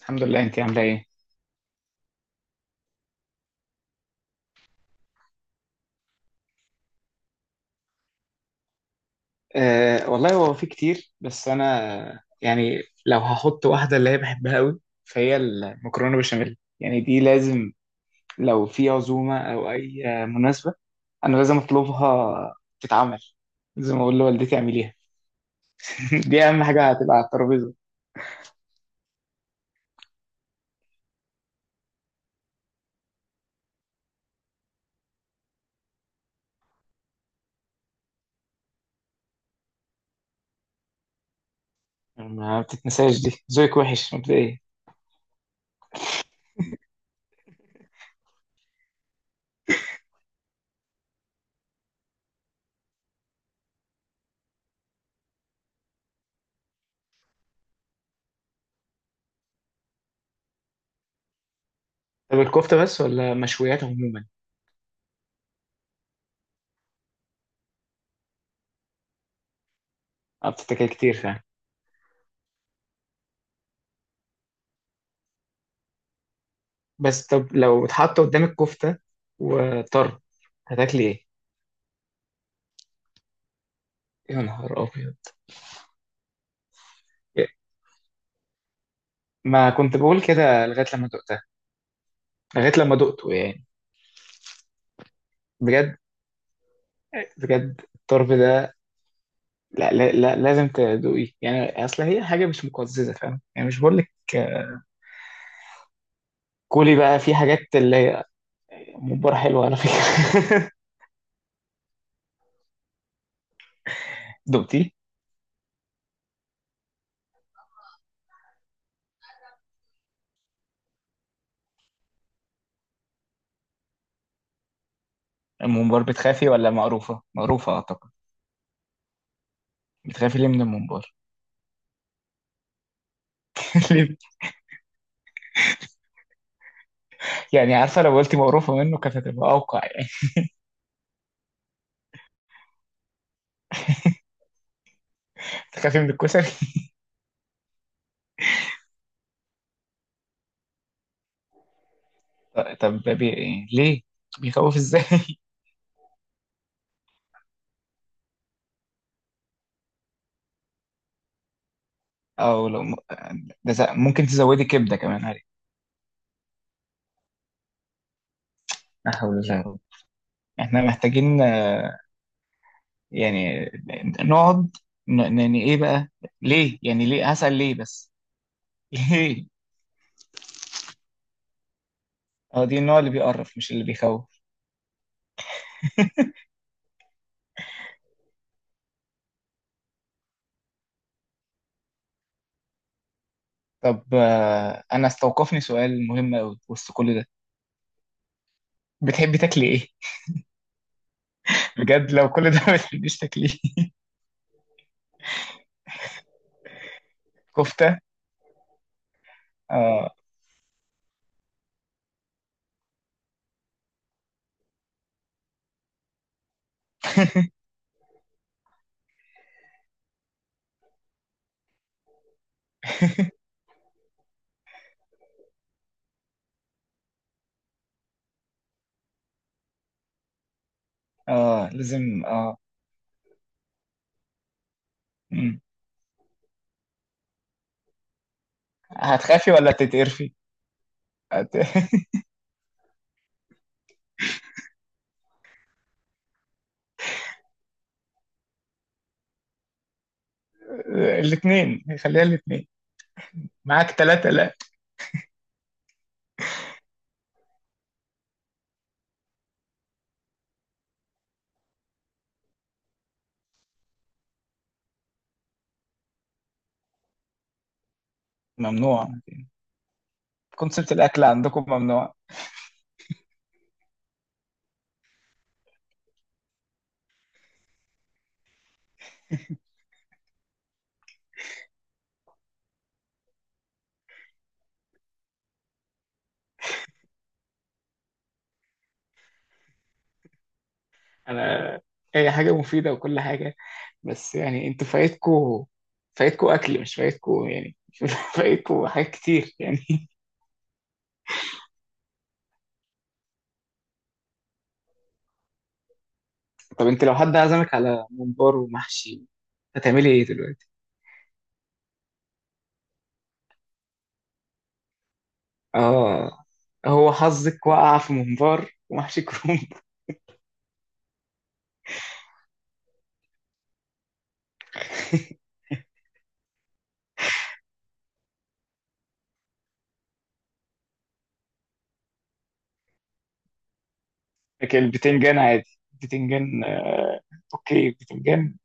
الحمد لله، انت عامله ايه؟ والله هو في كتير بس انا يعني لو هحط واحده اللي هي بحبها قوي فهي المكرونه بشاميل، يعني دي لازم لو في عزومه او اي مناسبه. انا لازم اطلبها تتعمل. لازم اقول لوالدتي اعمليها. دي اهم حاجه هتبقى على الترابيزه. ما بتتنساش، دي ذوقك وحش مبدئيا. طب الكفته بس ولا مشويات عموما؟ اه، بتتاكل كتير فعلا. بس طب لو اتحط قدامك كفته وطرب، هتاكلي ايه؟ يا نهار ابيض! ما كنت بقول كده لغاية لما دقتها. لغاية لما دقته يعني. بجد، بجد الطرب ده. لا، لازم تدوقيه يعني، اصل هي حاجة مش مقززة، فاهم يعني؟ مش بقول لك، كولي بقى. في حاجات اللي هي، ممبار حلوة على فكرة. دقتيه؟ الممبار بتخافي ولا مقروفة؟ مقروفة أعتقد. بتخافي ليه من الممبار؟ ليه؟ يعني عارفة لو قلتي مقروفة منه كانت هتبقى أوقع يعني. بتخافي من الكشري؟ طب ده ليه؟ بيخوف ازاي؟ أو لو ده ممكن تزودي كبدة كمان عليه. لا حول الله يا رب. احنا محتاجين يعني نقعد، يعني ايه بقى؟ ليه يعني؟ ليه هسأل ليه بس؟ ليه؟ اه دي النوع اللي بيقرف مش اللي بيخوف. طب انا استوقفني سؤال مهم قوي وسط كل ده. بتحبي تاكلي ايه؟ بجد لو كل ده ما بتحبيش تاكليه. كفتة. اه. اه لازم اه. مم. هتخافي ولا تتقرفي؟ هت... الاثنين، خليها الاثنين. معاك ثلاثة لا. ممنوع؟ كونسبت الاكل عندكم ممنوع. انا هي حاجه مفيده وكل حاجه، بس يعني انتوا فايتكوا، فايتكوا اكل مش فايتكوا يعني. فايتكوا حاجات كتير يعني. طب انت لو حد عزمك على ممبار ومحشي، هتعملي ايه دلوقتي؟ اه، هو حظك وقع في ممبار ومحشي كروم. لكن البتنجان عادي. البتنجان اوكي البتنجان.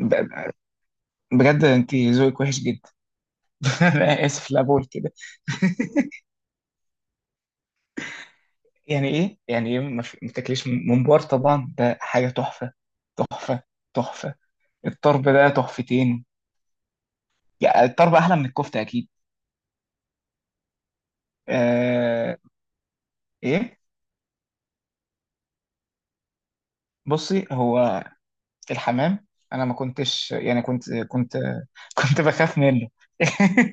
ب- بجد انت ذوقك وحش جدا. انا اسف لا بقول كده. يعني ايه؟ يعني ايه ما ما تاكليش ممبار؟ طبعا ده حاجه تحفه، تحفه، تحفه. الطرب ده تحفتين. يعني الطرب احلى من الكفته اكيد. آه. ايه؟ بصي هو الحمام، انا ما كنتش يعني، كنت كنت بخاف منه.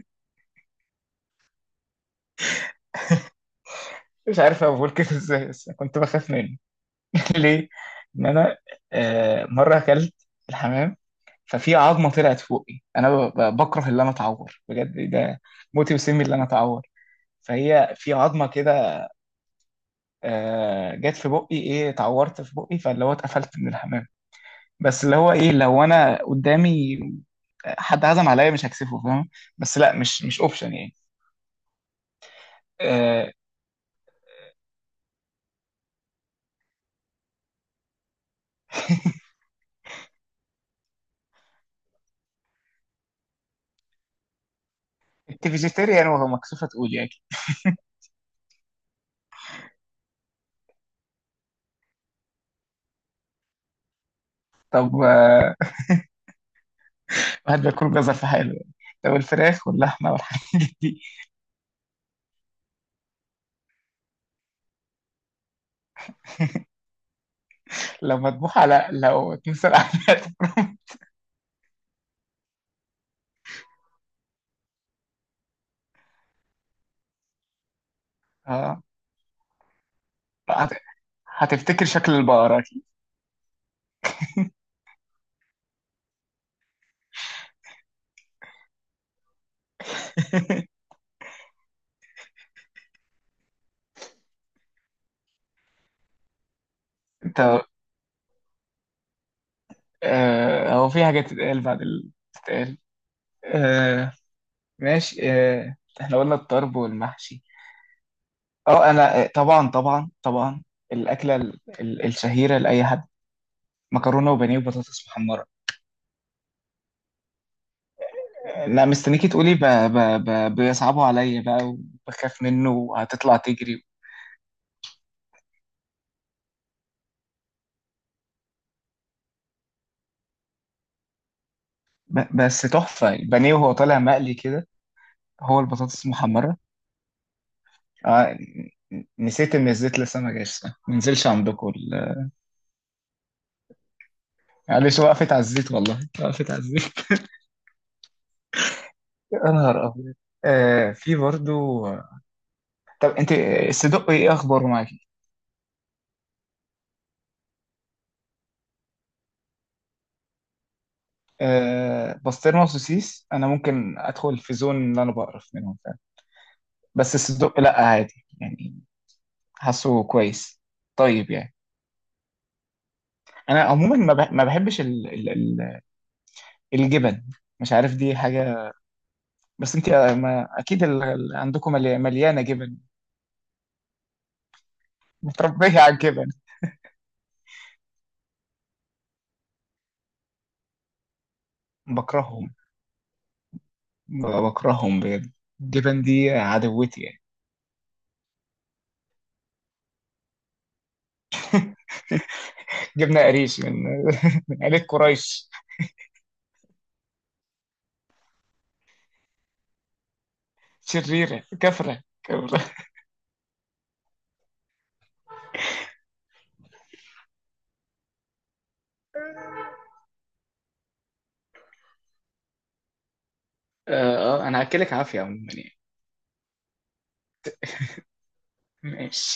مش عارف اقول كده ازاي بس كنت بخاف منه. ليه؟ ان انا آه مره اكلت الحمام، ففي عظمه طلعت فوقي. انا بكره اللي انا اتعور بجد ده. موتي وسمي اللي انا اتعور. فهي في عظمه كده جت في بقي، ايه، اتعورت في بقي، فاللي هو اتقفلت من الحمام. بس اللي هو ايه، لو انا قدامي حد عزم عليا مش هكسفه، فاهم؟ بس لا، مش مش اوبشن يعني. آه، انت فيجيتيريان وهو مكسوفه تقول يعني. طب واحد بياكل جزر في حاله يعني، لو الفراخ واللحمه والحاجات دي لو مذبوحه لا، لو اتمسك. اه. هت- هتفتكر شكل البقرة أكيد. انت آه، هو في حاجة تتقال بعد اللي بتتقال؟ آه، ماشي، احنا قلنا الطرب والمحشي. اه انا طبعا طبعا طبعا، الاكله الشهيره لاي حد: مكرونه وبانيه وبطاطس محمره. لا مستنيكي تقولي بيصعبوا عليا بقى وبخاف منه وهتطلع تجري. بس تحفه البانيه وهو طالع مقلي كده. هو البطاطس المحمره آه، نسيت ان الزيت لسه ما جاش، صح؟ ما نزلش عندكم معلش، وقفت على الزيت، والله وقفت على الزيت. يا نهار ابيض! آه في برضو. طب انت الصدق ايه اخباره معاكي؟ بسطرمه وسوسيس انا ممكن ادخل في زون اللي انا بقرف منهم فعلا. بس الصدق لا عادي يعني، حاسه كويس. طيب يعني انا عموما ما بحبش ال الجبن. مش عارف دي حاجه، بس انت ما اكيد عندكم مليانه جبن، متربيه على الجبن. بكرههم، بكرههم بجد. الجبن دي عدوتي يعني. جبنه قريش، من من عيله قريش. شريره كفره، كفره. اه انا هاكلك عافيه عموما يعني. ماشي.